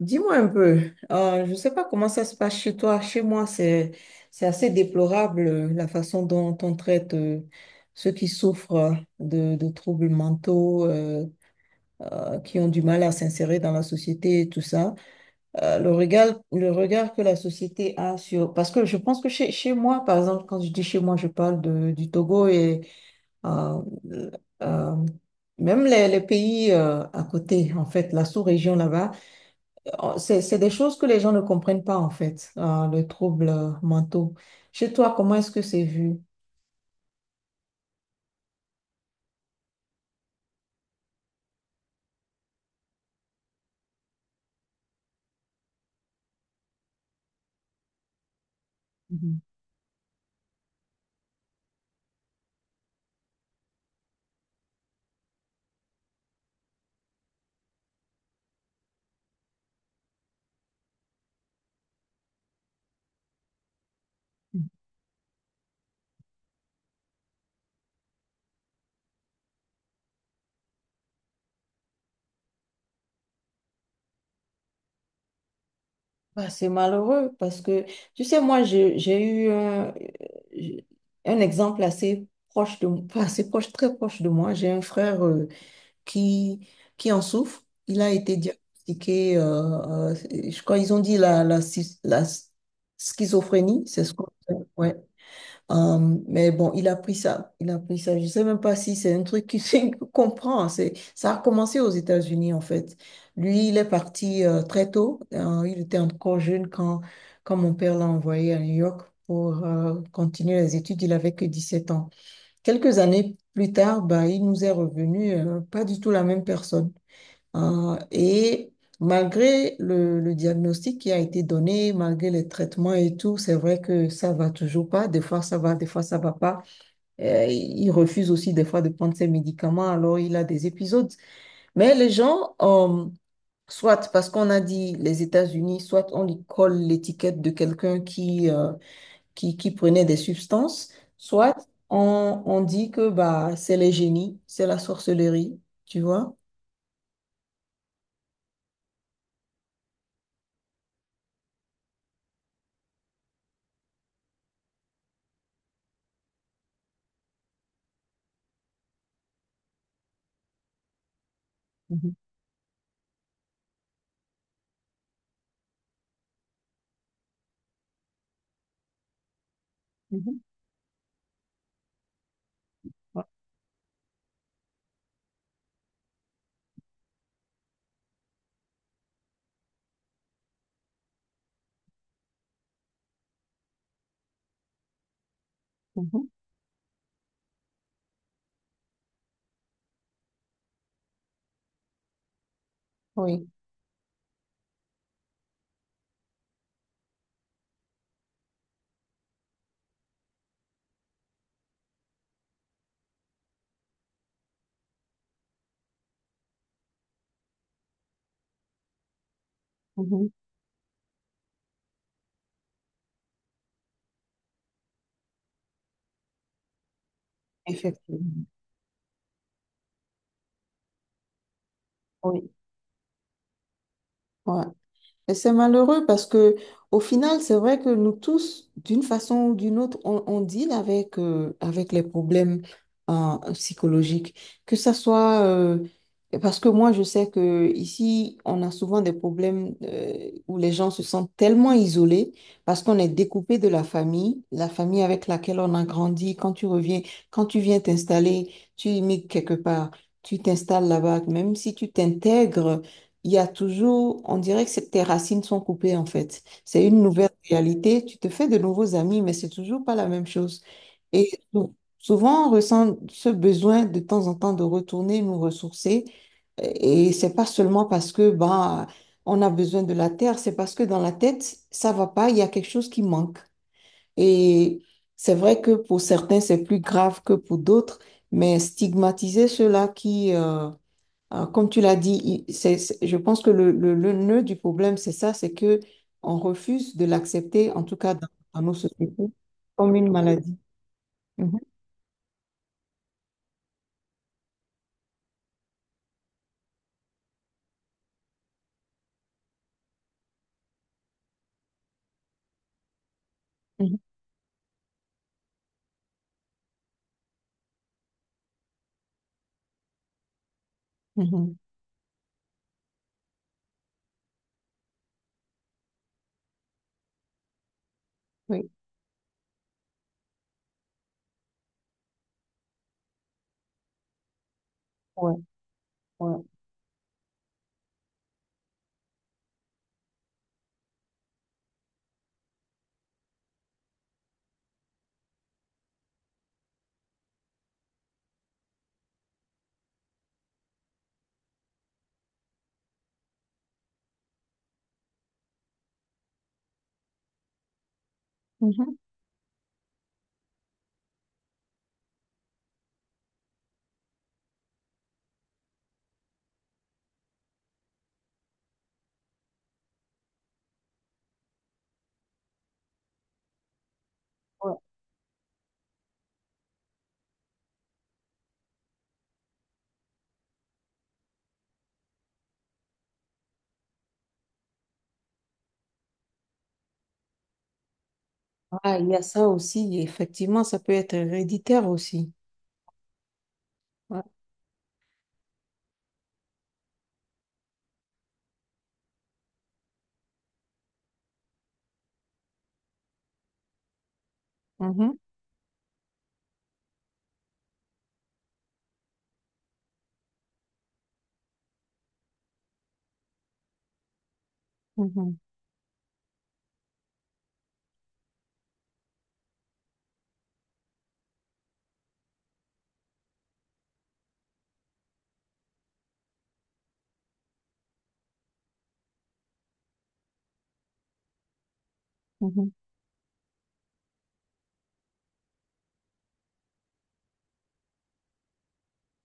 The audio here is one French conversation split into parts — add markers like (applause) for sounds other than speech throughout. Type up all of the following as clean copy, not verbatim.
Dis-moi un peu, je ne sais pas comment ça se passe chez toi. Chez moi, c'est assez déplorable la façon dont on traite ceux qui souffrent de troubles mentaux, qui ont du mal à s'insérer dans la société et tout ça. Le regard que la société a sur... Parce que je pense que chez moi, par exemple, quand je dis chez moi, je parle de, du Togo et euh, euh, même les pays à côté, en fait, la sous-région là-bas. Oh, c'est des choses que les gens ne comprennent pas, en fait, le trouble mentaux. Chez toi, comment est-ce que c'est vu? Mhm. Bah, c'est malheureux parce que, tu sais, moi, j'ai eu un exemple assez proche de, (laughs) enfin, assez proche, très proche de moi. J'ai un frère qui, qui en souffre. Il a été diagnostiqué, je crois, ils ont dit la schizophrénie, c'est ce qu'on ouais. Mais bon, il a pris ça. Je sais même pas si c'est un truc qu'il (laughs) qu'il comprend. Ça a commencé aux États-Unis en fait. Lui, il est parti très tôt. Il était encore jeune quand mon père l'a envoyé à New York pour continuer les études. Il avait que 17 ans. Quelques années plus tard, bah, il nous est revenu pas du tout la même personne. Et malgré le diagnostic qui a été donné, malgré les traitements et tout, c'est vrai que ça va toujours pas. Des fois, ça va, des fois, ça va pas. Il refuse aussi des fois de prendre ses médicaments, alors il a des épisodes. Mais les gens, soit parce qu'on a dit les États-Unis, soit on lui colle l'étiquette de quelqu'un qui prenaient des substances, soit on dit que bah, c'est les génies, c'est la sorcellerie, tu vois. Mhm, mhm, ouais, mhm. Oui. Mhm. Effectivement. Oui. Ouais. Et c'est malheureux parce que au final, c'est vrai que nous tous, d'une façon ou d'une autre, on deal avec, avec les problèmes psychologiques. Que ça soit parce que moi, je sais que ici, on a souvent des problèmes où les gens se sentent tellement isolés parce qu'on est découpé de la famille avec laquelle on a grandi. Quand tu reviens, quand tu viens t'installer, tu immigres quelque part, tu t'installes là-bas, même si tu t'intègres il y a toujours, on dirait que c'est- tes racines sont coupées en fait. C'est une nouvelle réalité, tu te fais de nouveaux amis, mais c'est toujours pas la même chose. Et souvent, on ressent ce besoin de temps en temps de retourner nous ressourcer. Et c'est pas seulement parce que bah, on a besoin de la terre, c'est parce que dans la tête, ça va pas, il y a quelque chose qui manque. Et c'est vrai que pour certains, c'est plus grave que pour d'autres, mais stigmatiser ceux-là comme tu l'as dit, il- c'est- je pense que le nœud du problème, c'est ça, c'est que on refuse de l'accepter, en tout cas dans nos sociétés, comme une maladie. Mhm, mhm, mhm. Oui, ouais, ouais, mhm, ouais. Ah, il y a ça aussi, et effectivement, ça peut être héréditaire aussi. Ouais. Mhm, mhm, mhm,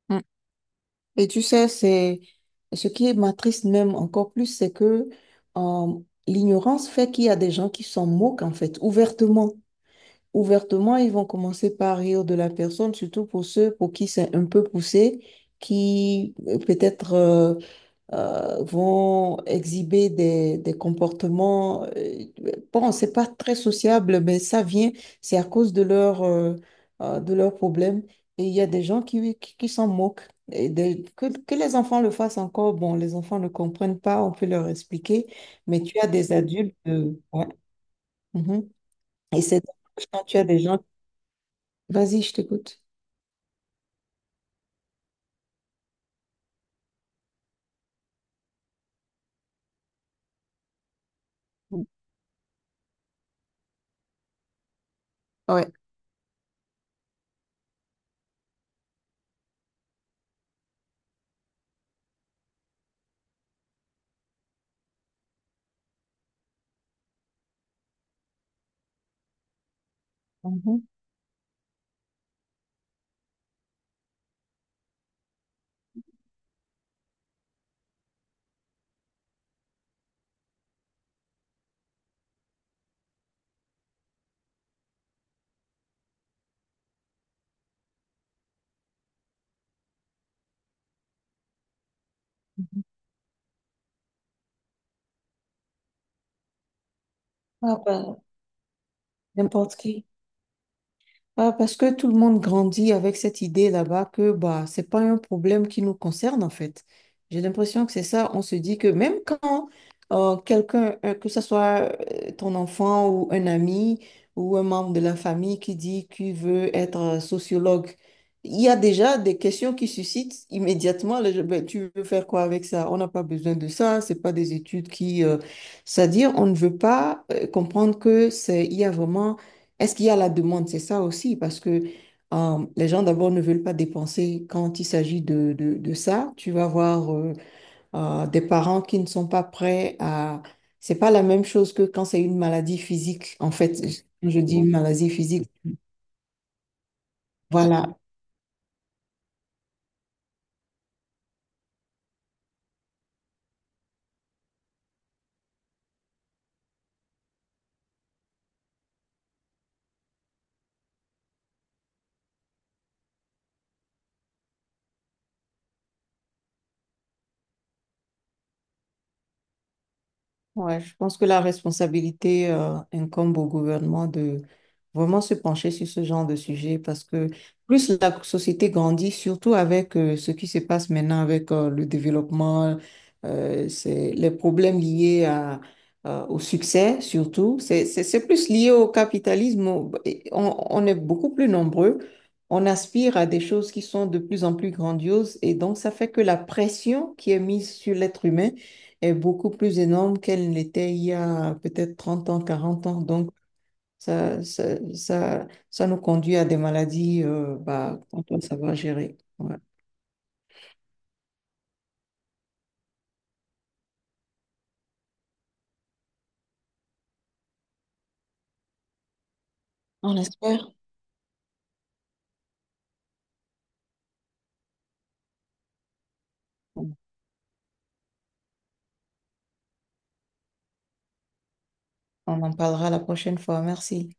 mm. Et tu sais, c'est ce qui m'attriste même encore plus, c'est que euh, l'ignorance fait qu'il y a des gens qui s'en moquent, en fait, ouvertement. Ouvertement, ils vont commencer par rire de la personne, surtout pour ceux pour qui c'est un peu poussé, qui peut-être vont exhiber des comportements. Bon, c'est pas très sociable, mais ça vient, c'est à cause de de leurs problèmes. Et il y a des gens qui s'en moquent. Et des- que les enfants le fassent encore, bon, les enfants ne comprennent pas, on peut leur expliquer, mais tu as des adultes. Ouais, mhm. Et c'est dommage quand tu as des gens Vas-y, je t'écoute. Ouais. Mhm. Ah ben, n'importe qui. Ah, parce que tout le monde grandit avec cette idée là-bas que bah, c'est pas un problème qui nous concerne en fait. J'ai l'impression que c'est ça. On se dit que même quand quelqu'un, que ce soit ton enfant ou un ami ou un membre de la famille qui dit qu'il veut être sociologue, il y a déjà des questions qui suscitent immédiatement le- Ben, tu veux faire quoi avec ça? On n'a pas besoin de ça. C'est pas des études qui, c'est-à-dire on ne veut pas comprendre que c'est il y a vraiment est-ce qu'il y a la demande? C'est ça aussi, parce que les gens d'abord ne veulent pas dépenser quand il s'agit de ça. Tu vas voir des parents qui ne sont pas prêts à... C'est pas la même chose que quand c'est une maladie physique. En fait, je dis une maladie physique. Voilà. Ouais, je pense que la responsabilité incombe au gouvernement de vraiment se pencher sur ce genre de sujet parce que plus la société grandit, surtout avec ce qui se passe maintenant avec le développement, c'est les problèmes liés à, au succès surtout. C'est plus lié au capitalisme. Au- et on est beaucoup plus nombreux. On aspire à des choses qui sont de plus en plus grandioses et donc ça fait que la pression qui est mise sur l'être humain est beaucoup plus énorme qu'elle ne l'était il y a peut-être 30 ans, 40 ans. Donc, ça, ça, ça nous conduit à des maladies bah, qu'on doit savoir gérer. Ouais. On espère On en parlera la prochaine fois. Merci.